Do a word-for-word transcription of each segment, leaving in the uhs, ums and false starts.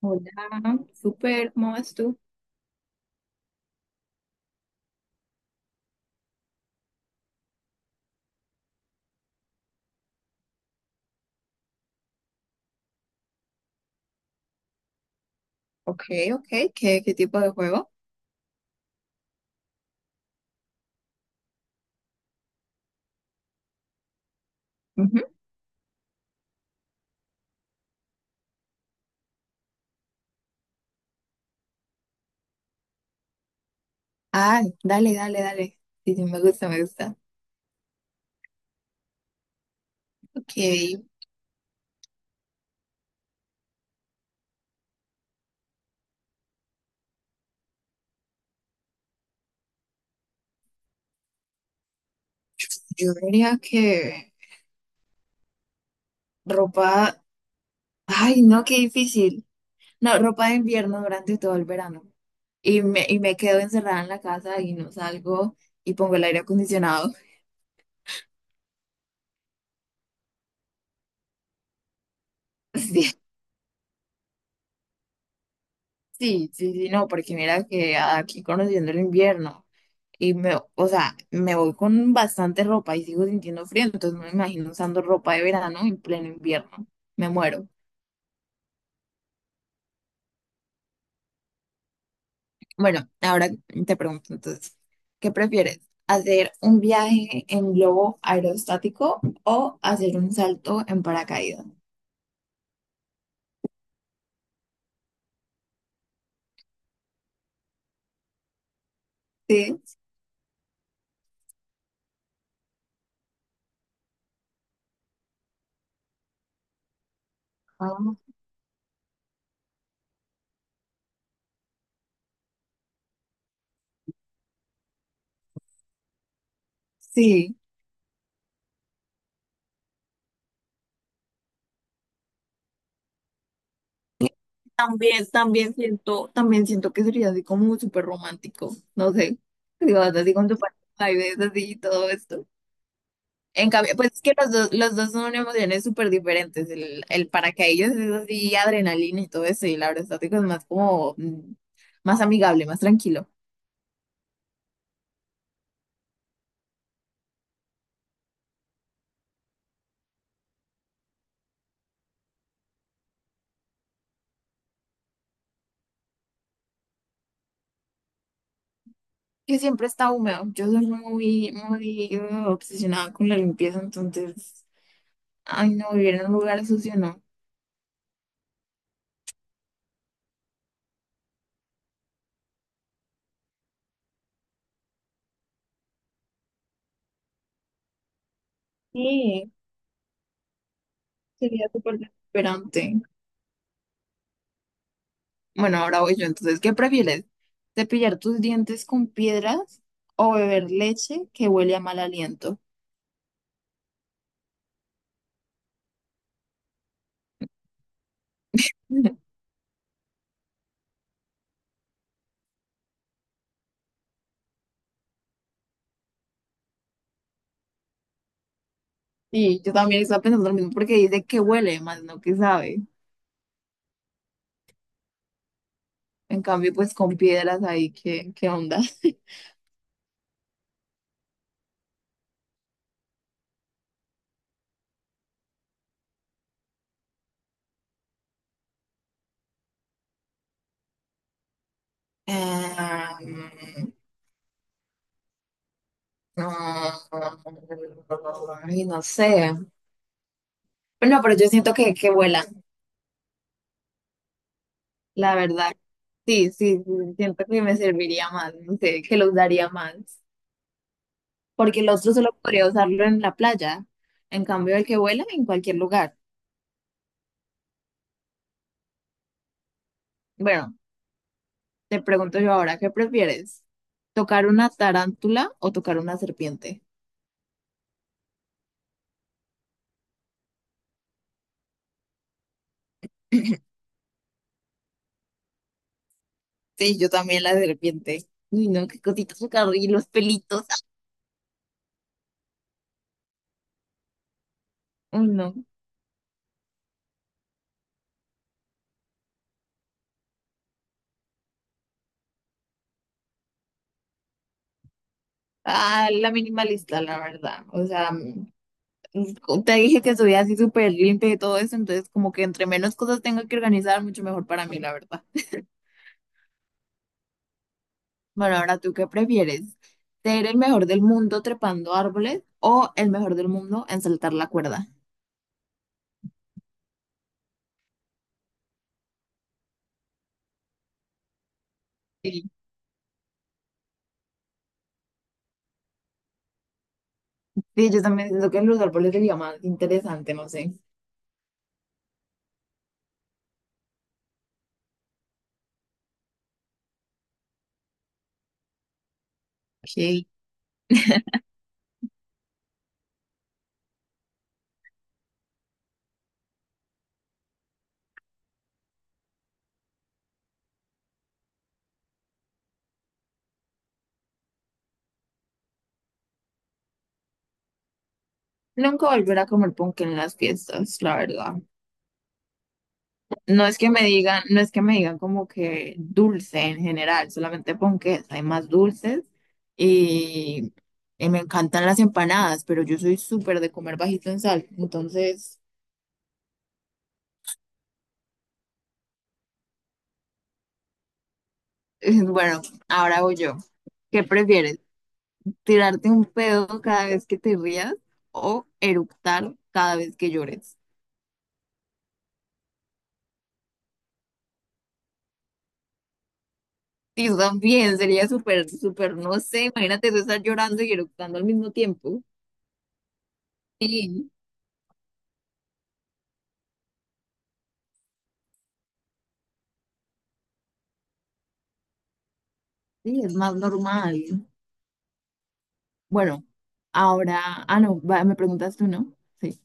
Hola, súper, ¿cómo vas tú? Ok, ok, ¿qué, qué tipo de juego? Ujú. Ah, dale, dale, dale. Sí, sí, me gusta, me gusta. Ok, yo diría que ropa, ay, no, qué difícil. No, ropa de invierno durante todo el verano. Y me, y me quedo encerrada en la casa y no salgo y pongo el aire acondicionado. Sí. Sí, sí, sí, no, porque mira que aquí conociendo el invierno y me, o sea, me voy con bastante ropa y sigo sintiendo frío, entonces no me imagino usando ropa de verano en pleno invierno. Me muero. Bueno, ahora te pregunto entonces, ¿qué prefieres? ¿Hacer un viaje en globo aerostático o hacer un salto en paracaídas? Sí. Ah, sí. También, también siento, también siento que sería así como súper romántico, no sé, digo así con tu pareja y ves así y todo esto. En cambio, pues es que los dos, los dos son emociones súper diferentes, el, el paracaídas es así adrenalina y todo eso, y el abrazo estático es más como, mm, más amigable, más tranquilo. Que siempre está húmedo, yo soy muy, muy uh, obsesionada con la limpieza, entonces, ay, no, vivir en un lugar sucio no. Sí, sería súper desesperante. Bueno, ahora voy yo. Entonces, ¿qué prefieres? ¿Cepillar tus dientes con piedras o beber leche que huele a mal aliento? Y yo también estaba pensando lo mismo porque dice que huele más, no que sabe. En cambio, pues con piedras ahí, ¿qué, qué onda? Em, no, ay, no sé. Pero no pero yo siento que, que vuela, la verdad. Sí, sí, sí, siento que me serviría más, no sé, que los daría más. Porque el otro solo podría usarlo en la playa. En cambio, el que vuela en cualquier lugar. Bueno, te pregunto yo ahora, ¿qué prefieres? ¿Tocar una tarántula o tocar una serpiente? Sí, yo también la serpiente. Uy, no, qué cositas tocar y los pelitos. Uy, no. Ah, la minimalista, la verdad. O sea, mm, te dije que soy así súper limpia y todo eso, entonces como que entre menos cosas tengo que organizar, mucho mejor para mí, la verdad. Bueno, ahora tú qué prefieres, ser el mejor del mundo trepando árboles o el mejor del mundo en saltar la cuerda. Sí, sí, yo también siento que los árboles sería más interesante, no sé. Ok. Nunca volver a comer ponqué en las fiestas, la verdad. No es que me digan, no es que me digan como que dulce en general, solamente ponqués, hay más dulces y, y me encantan las empanadas, pero yo soy súper de comer bajito en sal, entonces, bueno, ahora voy yo. ¿Qué prefieres? Tirarte un pedo cada vez que te rías o eructar cada vez que llores. Y eso también sería súper, súper, no sé, imagínate tú estar llorando y eructando al mismo tiempo. Sí, sí, es más normal. Bueno, ahora, ah, no, va, me preguntas tú, ¿no? Sí.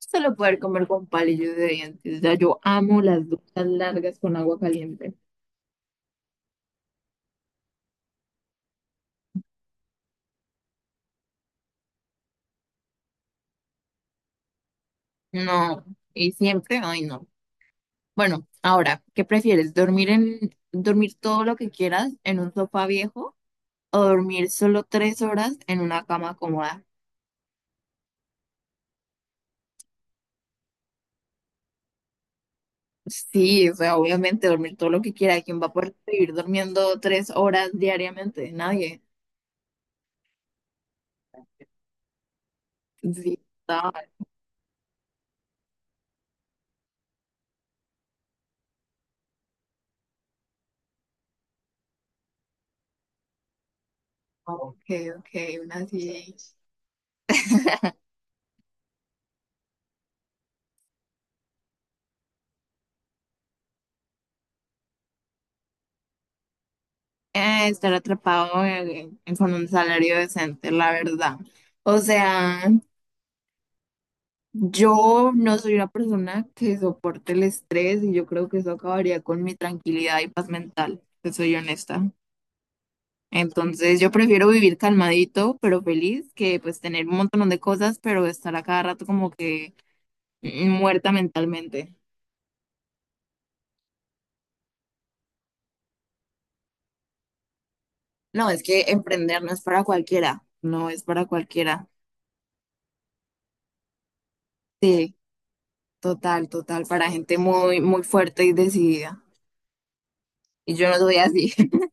Solo poder comer con palillos de dientes. Ya yo amo las duchas largas con agua caliente. No, y siempre, ay, no. Bueno, ahora, ¿qué prefieres? ¿Dormir en, dormir todo lo que quieras en un sofá viejo o dormir solo tres horas en una cama cómoda? Sí, o sea, obviamente dormir todo lo que quiera. ¿Quién va a poder vivir durmiendo tres horas diariamente? Nadie. Sí, está. Ok, ok, una sí. Eh, estar atrapado en- en- con un salario decente, la verdad. O sea, yo no soy una persona que soporte el estrés y yo creo que eso acabaría con mi tranquilidad y paz mental, te soy honesta. Entonces yo prefiero vivir calmadito, pero feliz, que pues tener un montón de cosas, pero estar a cada rato como que mm, muerta mentalmente. No, es que emprender no es para cualquiera, no es para cualquiera. Sí, total, total, para gente muy, muy fuerte y decidida. Y yo no soy así.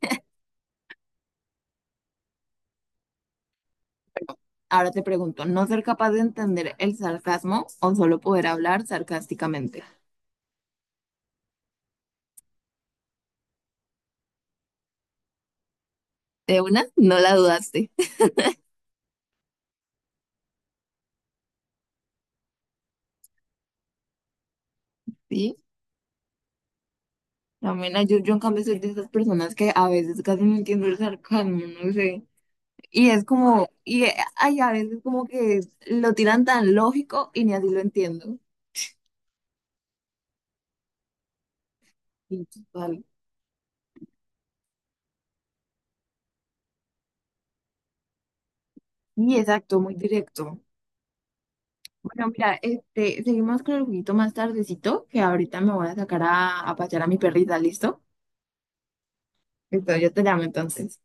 Ahora te pregunto, ¿no ser capaz de entender el sarcasmo o solo poder hablar sarcásticamente? De una, no la dudaste. Sí, también yo, yo en cambio soy de esas personas que a veces casi no entiendo el sarcasmo, no sé. Y es como, y eh, hay a veces como que lo tiran tan lógico y ni así lo entiendo. Y total. Y exacto, muy directo. Bueno, mira, este, seguimos con el juguito más tardecito, que ahorita me voy a sacar a, a pasear a mi perrita, ¿listo? Listo, yo te llamo entonces.